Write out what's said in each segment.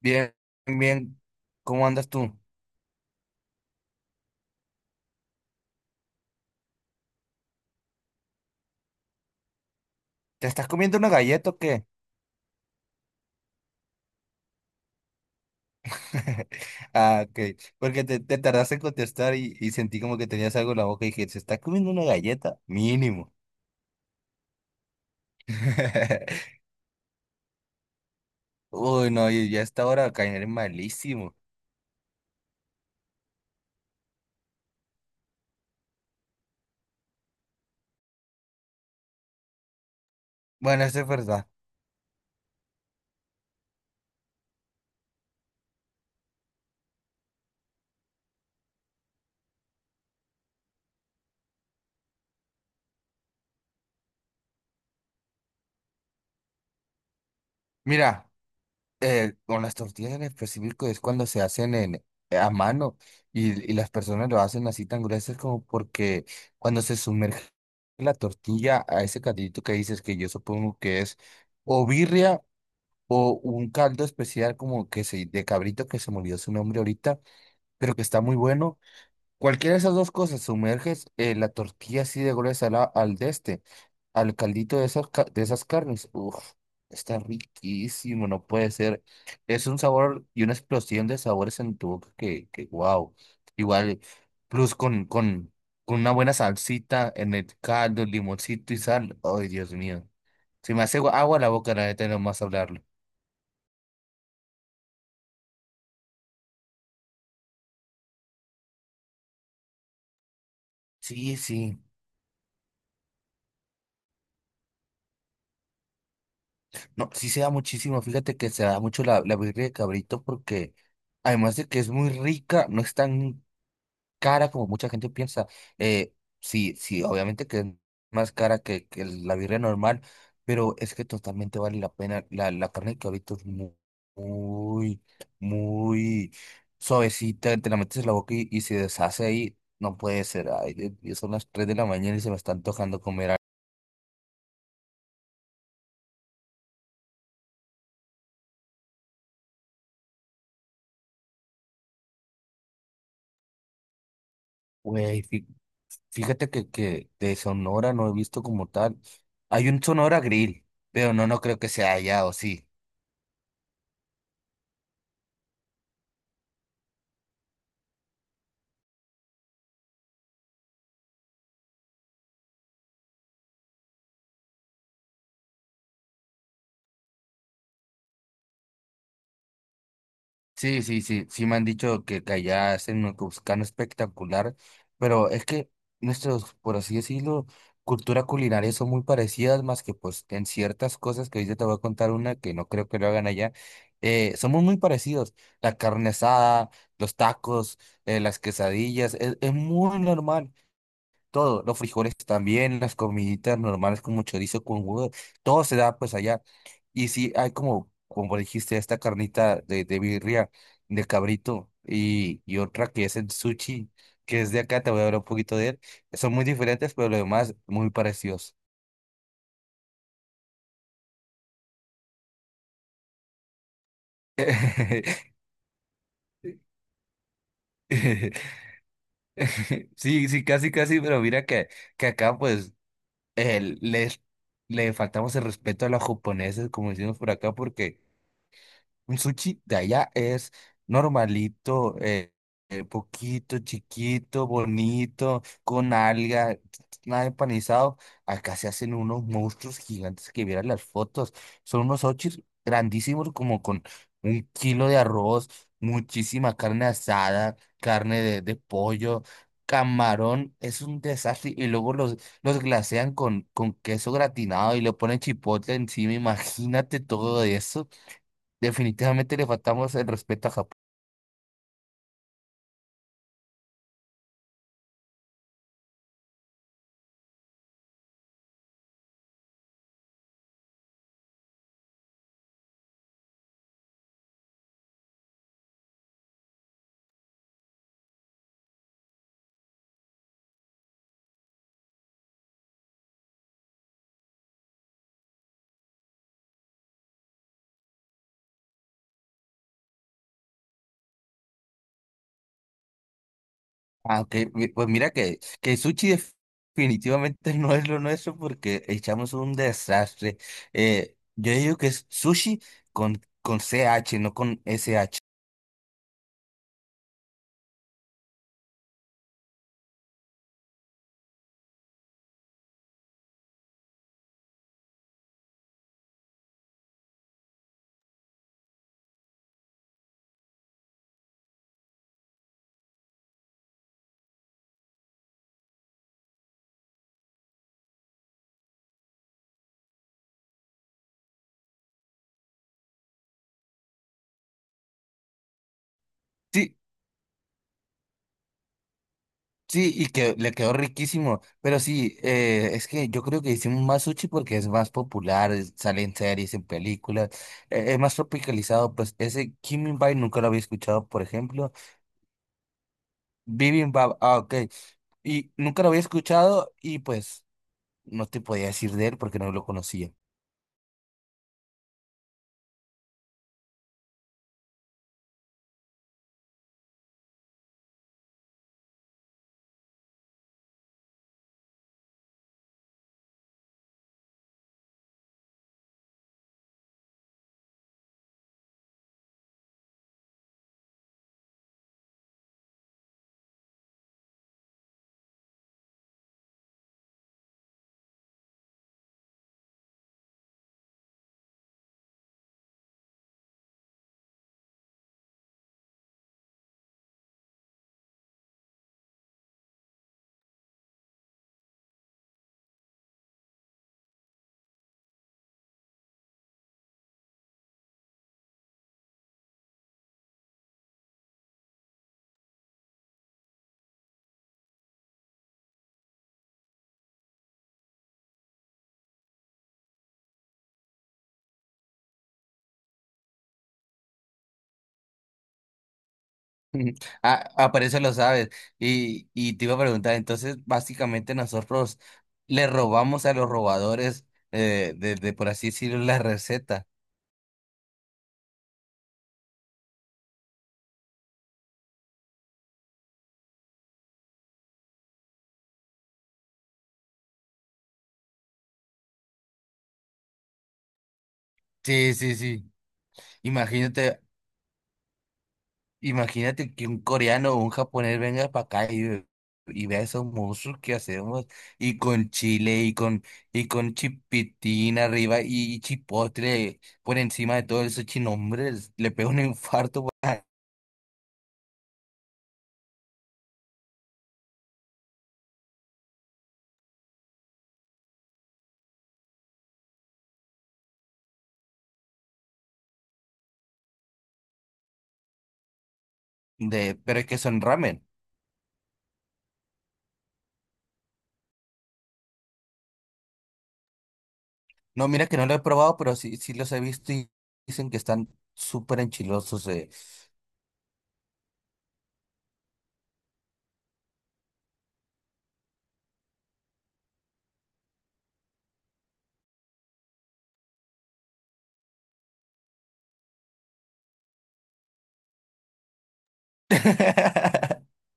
Bien, bien, ¿cómo andas tú? ¿Te estás comiendo una galleta o qué? Ah, ok, porque te tardaste en contestar y sentí como que tenías algo en la boca y dije, ¿se está comiendo una galleta? Mínimo. Uy, no, y ya a esta hora caeré malísimo. Bueno, eso es verdad. Mira. Con las tortillas en específico es cuando se hacen en, a mano y las personas lo hacen así tan gruesas como porque cuando se sumerge la tortilla a ese caldito que dices que yo supongo que es o birria o un caldo especial como que se, de cabrito que se me olvidó su nombre ahorita, pero que está muy bueno. Cualquiera de esas dos cosas, sumerges la tortilla así de gruesa al de este, al caldito de esas, de esas carnes. Uf, está riquísimo, no puede ser. Es un sabor y una explosión de sabores en tu boca que wow. Igual, plus con una buena salsita en el caldo, limoncito y sal. Ay, Dios mío. Se me hace agua agua la boca, la neta, nomás hablarlo. Sí, sí. No, sí se da muchísimo, fíjate que se da mucho la, la birria de cabrito porque además de que es muy rica, no es tan cara como mucha gente piensa. Eh, sí, sí, obviamente que es más cara que la birria normal, pero es que totalmente vale la pena. La carne de cabrito es muy, muy, suavecita, te la metes en la boca y se deshace ahí. No puede ser, ay, Dios mío, son las 3 de la mañana y se me está antojando comer algo. Güey, fíjate que de Sonora no he visto como tal. Hay un Sonora Grill, pero no, no creo que sea allá, ¿o sí? Sí, sí, sí, sí me han dicho que allá hacen un cuscano espectacular, pero es que nuestros, por así decirlo, cultura culinaria son muy parecidas, más que pues en ciertas cosas que ahorita te voy a contar una que no creo que lo hagan allá, somos muy parecidos, la carne asada, los tacos, las quesadillas, es muy normal. Todo, los frijoles también, las comiditas normales como chorizo con huevo, todo se da pues allá. Y sí, hay como, como dijiste, esta carnita de birria, de cabrito, y otra que es el sushi, que es de acá, te voy a hablar un poquito de él. Son muy diferentes, pero lo demás muy parecidos. Sí, sí, casi, casi, pero mira que acá pues les, le faltamos el respeto a los japoneses, como decimos por acá, porque... Un sushi de allá es normalito, poquito, chiquito, bonito, con alga, nada empanizado. Acá se hacen unos monstruos gigantes que vieran las fotos. Son unos sushis grandísimos, como con un kilo de arroz, muchísima carne asada, carne de pollo, camarón. Es un desastre. Y luego los glasean con queso gratinado y le ponen chipotle encima. Imagínate todo eso. Definitivamente le faltamos el respeto a Japón. Aunque, pues mira que el sushi definitivamente no es lo nuestro porque echamos un desastre. Yo digo que es sushi con CH, no con SH. Sí, sí, y que le quedó riquísimo. Pero sí, es que yo creo que hicimos más sushi porque es más popular, sale en series, en películas, es más tropicalizado. Pues ese Kimbap nunca lo había escuchado, por ejemplo. Bibimbap, ah, ok. Y nunca lo había escuchado y pues no te podía decir de él porque no lo conocía. Ujú. Ah, ah, por eso lo sabes. Y te iba a preguntar, entonces básicamente nosotros le robamos a los robadores por así decirlo, la receta. Sí, sí, sí. Imagínate. Imagínate que un coreano o un japonés venga para acá y vea esos monstruos que hacemos, y con chile, y con chipitín arriba, y chipotle por encima de todos esos chinombres, le pega un infarto, pero es que son ramen. No, mira que no lo he probado, pero sí, sí los he visto y dicen que están súper enchilosos.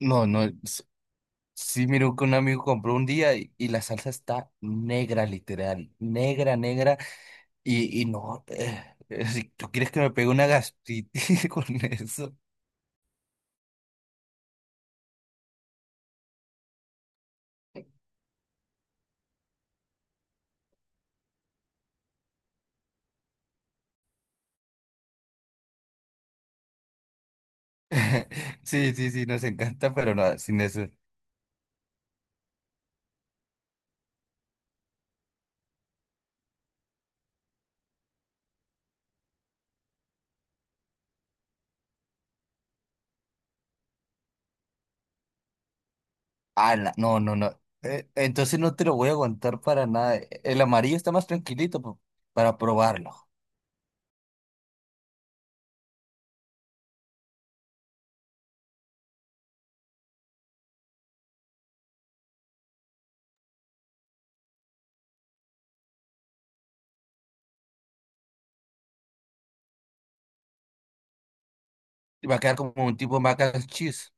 No, no. Sí, miró que un amigo compró un día y la salsa está negra, literal, negra, negra, y no, si tú quieres que me pegue una gastritis con eso. Sí, sí, sí, nos encanta, pero no, sin eso. Ah, no, no, no. Entonces no te lo voy a aguantar para nada. El amarillo está más tranquilito para probarlo. Y va a quedar como un tipo mac and cheese.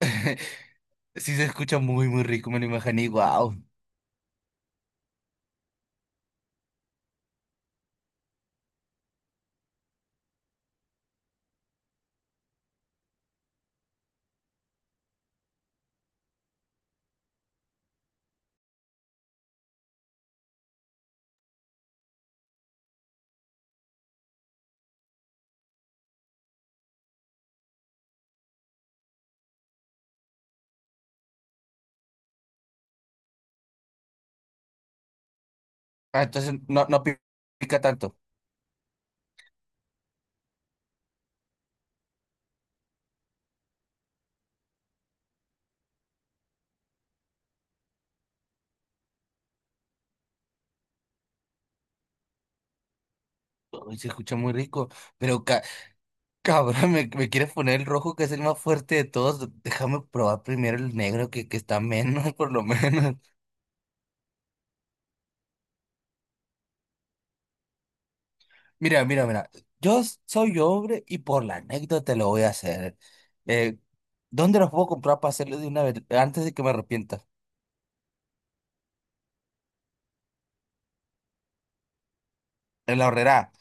Sí, se escucha muy, muy rico, me lo imaginé. Wow. Ah, entonces no, pica tanto. Uy, se escucha muy rico, pero ca- cabrón, me quieres poner el rojo que es el más fuerte de todos. Déjame probar primero el negro que está menos, por lo menos. Mira, mira, mira. Soy hombre y por la anécdota lo voy a hacer. Eh, ¿Dónde los puedo comprar para hacerlo de una vez antes de que me arrepienta? En la horrera.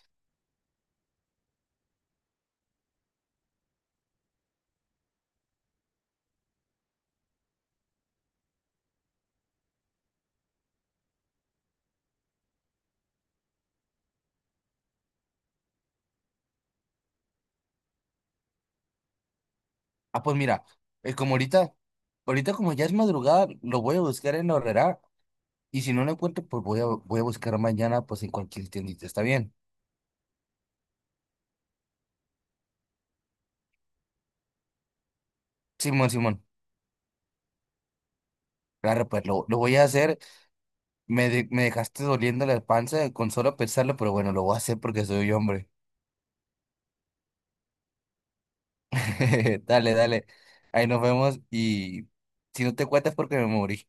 Ah, pues mira, como ahorita, ahorita como ya es madrugada, lo voy a buscar en la horrera y si no lo encuentro, pues voy a, voy a buscar mañana pues en cualquier tiendita. ¿Está bien? Simón, Simón. Claro, pues lo voy a hacer. Me dejaste doliendo la panza con solo pensarlo, pero bueno, lo voy a hacer porque soy hombre. Dale, dale. Ahí nos vemos y si no te cuentas porque me morí.